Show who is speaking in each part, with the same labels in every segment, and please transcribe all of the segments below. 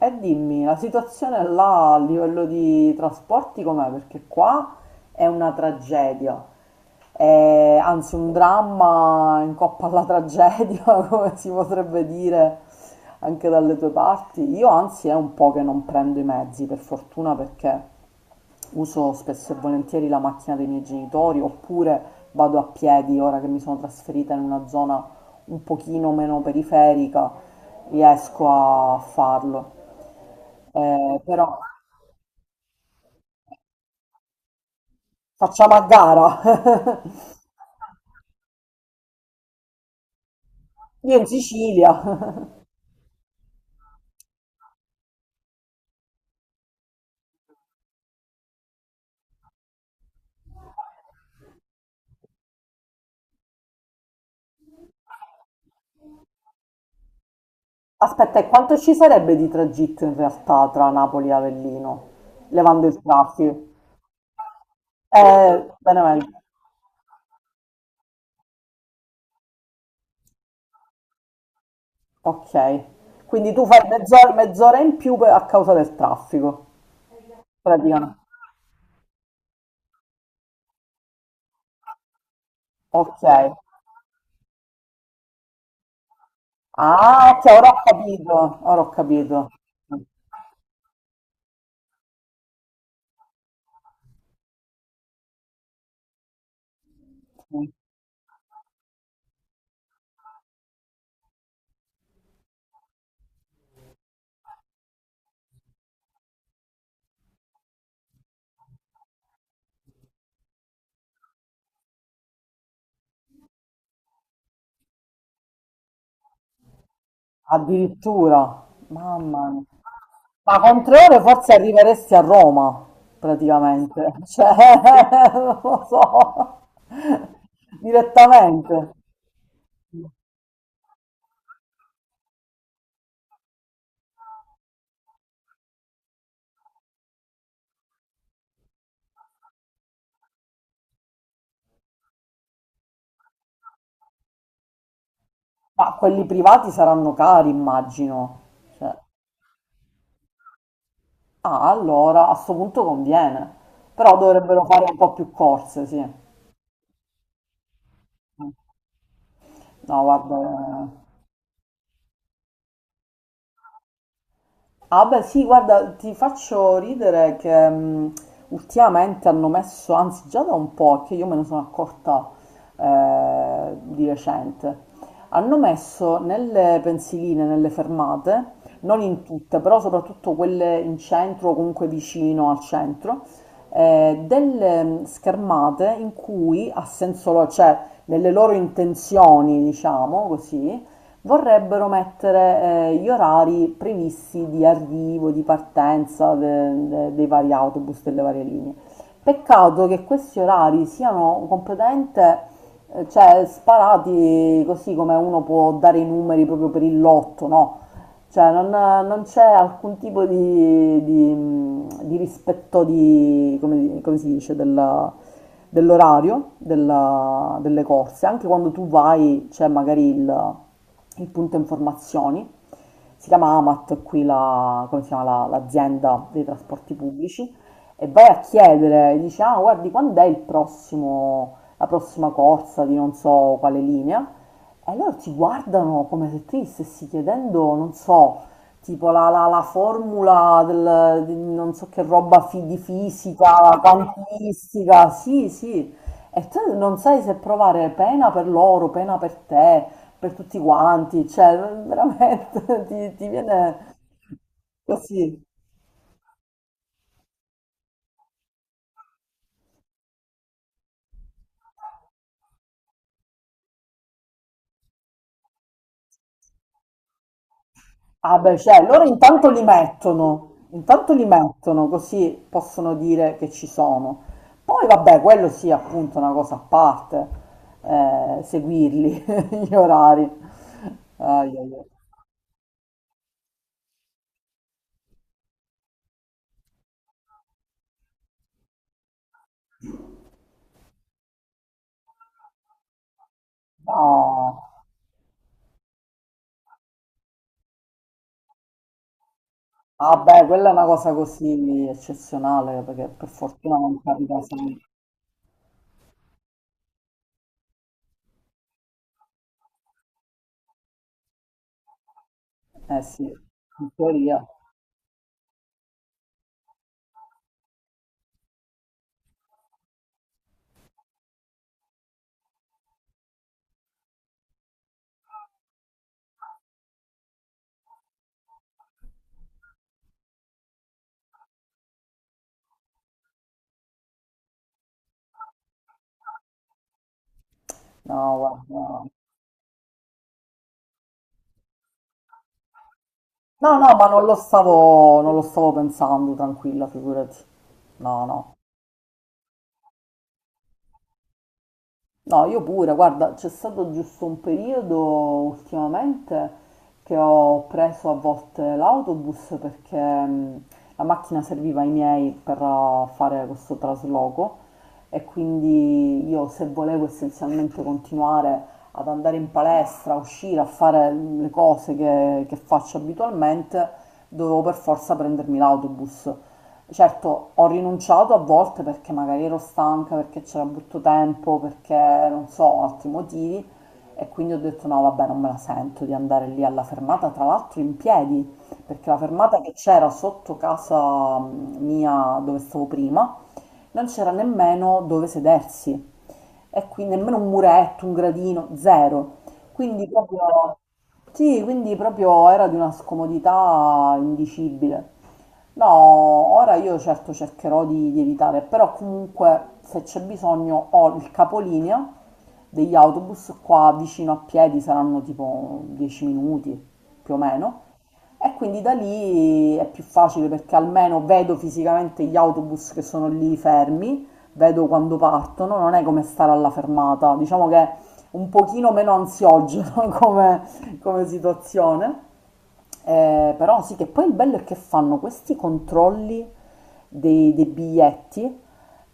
Speaker 1: E dimmi, la situazione là a livello di trasporti com'è? Perché qua è una tragedia. Anzi un dramma in coppa alla tragedia, come si potrebbe dire anche dalle tue parti. Io anzi è un po' che non prendo i mezzi, per fortuna perché... Uso spesso e volentieri la macchina dei miei genitori oppure vado a piedi, ora che mi sono trasferita in una zona un pochino meno periferica, riesco a farlo. Però facciamo a gara. Io in Sicilia. Aspetta, e quanto ci sarebbe di tragitto in realtà tra Napoli e Avellino, levando il traffico? Benevento. Ok. Quindi tu fai mezz'ora in più a causa del traffico, praticamente. Okay. Ah, okay, ora ho capito, ora ho capito. Okay. Addirittura, mamma mia. Ma con 3 ore forse arriveresti a Roma, praticamente. Cioè, non lo so, direttamente. Ma quelli privati saranno cari, immagino. Cioè, ah, allora, a sto punto conviene. Però dovrebbero fare un po' più corse, sì. No, guarda, eh, ah beh sì, guarda, ti faccio ridere che ultimamente hanno messo, anzi già da un po', che io me ne sono accorta di recente, hanno messo nelle pensiline, nelle fermate, non in tutte, però soprattutto quelle in centro o comunque vicino al centro, delle schermate in cui, a senso, cioè nelle loro intenzioni, diciamo così, vorrebbero mettere gli orari previsti di arrivo, di partenza dei vari autobus, delle varie linee. Peccato che questi orari siano completamente, cioè, sparati così come uno può dare i numeri proprio per il lotto, no? Cioè, non c'è alcun tipo di, di rispetto di, come, come si dice, dell'orario delle corse. Anche quando tu vai, c'è magari il punto informazioni, si chiama AMAT qui come si chiama l'azienda dei trasporti pubblici e vai a chiedere, dici ah guardi quando è il prossimo, la prossima corsa di non so quale linea e loro ti guardano come se tu gli stessi chiedendo, non so, tipo la formula del, di non so che roba di fisica, quantistica, sì sì, e tu non sai se provare pena per loro, pena per te per tutti quanti, cioè veramente ti viene così. Ah beh, cioè loro intanto li mettono così possono dire che ci sono. Poi vabbè, quello sì, appunto, è una cosa a parte, seguirli, gli orari. Ai, ai, ai. No, vabbè, quella è una cosa così eccezionale, perché per fortuna non capita sempre. Eh sì, in teoria. No, guarda, no. No, no, ma non lo stavo pensando, tranquilla, figurati. No, no. No, io pure, guarda, c'è stato giusto un periodo ultimamente che ho preso a volte l'autobus perché la macchina serviva ai miei per fare questo trasloco e quindi io se volevo essenzialmente continuare ad andare in palestra, a uscire, a fare le cose che faccio abitualmente, dovevo per forza prendermi l'autobus. Certo, ho rinunciato a volte perché magari ero stanca, perché c'era brutto tempo, perché non so, altri motivi e quindi ho detto no, vabbè, non me la sento di andare lì alla fermata, tra l'altro in piedi, perché la fermata che c'era sotto casa mia dove stavo prima, non c'era nemmeno dove sedersi e quindi nemmeno un muretto, un gradino, zero. Quindi proprio, sì, quindi proprio era di una scomodità indicibile. No, ora io certo cercherò di evitare, però comunque se c'è bisogno ho il capolinea degli autobus qua vicino a piedi, saranno tipo 10 minuti più o meno, e quindi da lì è più facile perché almeno vedo fisicamente gli autobus che sono lì fermi, vedo quando partono, non è come stare alla fermata, diciamo che è un pochino meno ansiogeno come, come situazione. Però sì, che poi il bello è che fanno questi controlli dei biglietti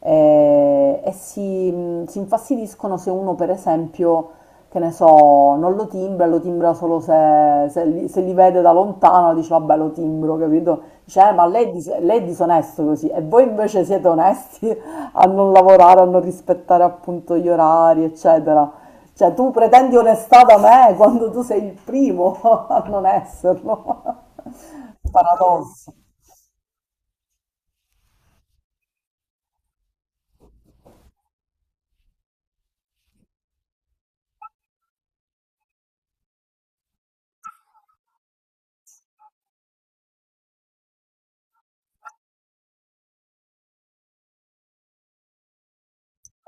Speaker 1: e si, si infastidiscono se uno, per esempio, che ne so, non lo timbra, lo timbra solo se, se li vede da lontano, dice vabbè lo timbro, capito? Dice, ma lei, lei è disonesto così e voi invece siete onesti a non lavorare, a non rispettare appunto gli orari, eccetera. Cioè tu pretendi onestà da me quando tu sei il primo a non esserlo. Paradosso.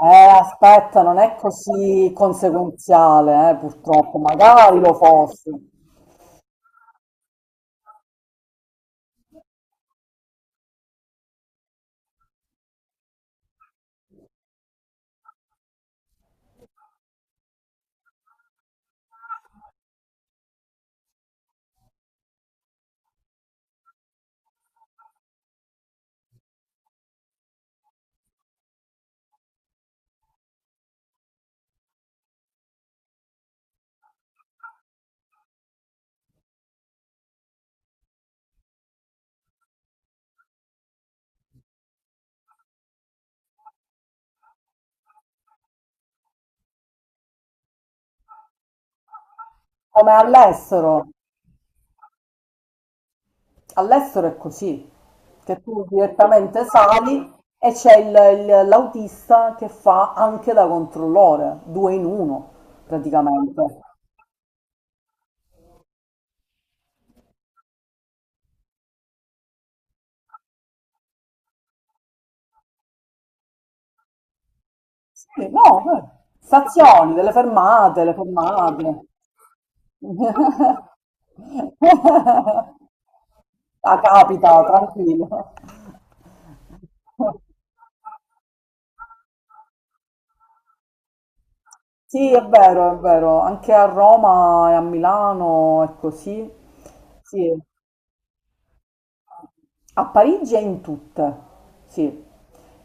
Speaker 1: Aspetta, non è così conseguenziale, purtroppo, magari lo fosse. Come all'estero. All'estero è così, che tu direttamente sali e c'è l'autista che fa anche da controllore, due in uno praticamente. Sì, no, stazioni, delle fermate, le fermate. Ah, capita, tranquillo. Sì, è vero, anche a Roma e a Milano è così. Sì. A Parigi e in tutte, sì,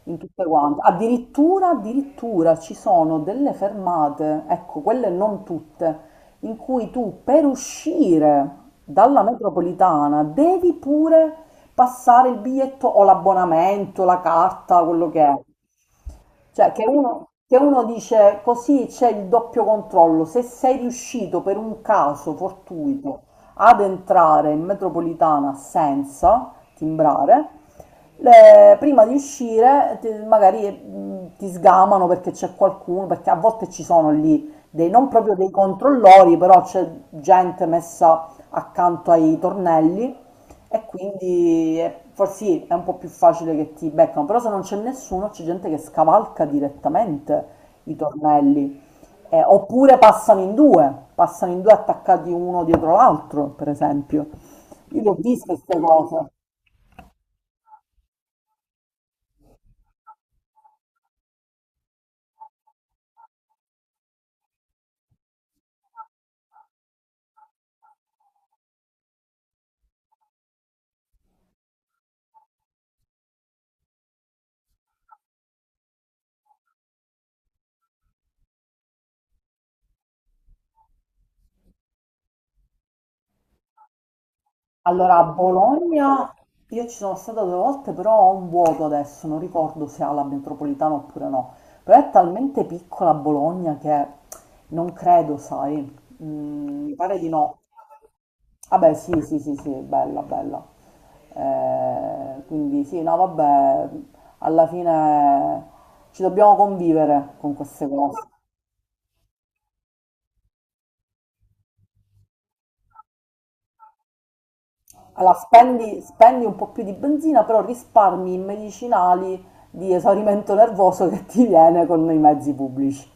Speaker 1: in tutte quante. Addirittura, addirittura ci sono delle fermate, ecco, quelle non tutte, in cui tu per uscire dalla metropolitana devi pure passare il biglietto o l'abbonamento, la carta, quello che è. Cioè, che uno dice così c'è il doppio controllo. Se sei riuscito per un caso fortuito ad entrare in metropolitana senza timbrare, prima di uscire magari ti sgamano perché c'è qualcuno, perché a volte ci sono lì dei, non proprio dei controllori, però c'è gente messa accanto ai tornelli e quindi forse sì, è un po' più facile che ti beccano, però se non c'è nessuno c'è gente che scavalca direttamente i tornelli. Oppure passano in due attaccati uno dietro l'altro, per esempio. Io le ho viste queste cose. Allora, a Bologna io ci sono stata due volte, però ho un vuoto adesso, non ricordo se ha la metropolitana oppure no. Però è talmente piccola Bologna che non credo, sai, mm, mi pare di no. Vabbè, sì, sì, sì, sì, bella, bella. Quindi sì, no, vabbè, alla fine ci dobbiamo convivere con queste cose. Allora, spendi, spendi un po' più di benzina, però risparmi i medicinali di esaurimento nervoso che ti viene con i mezzi pubblici.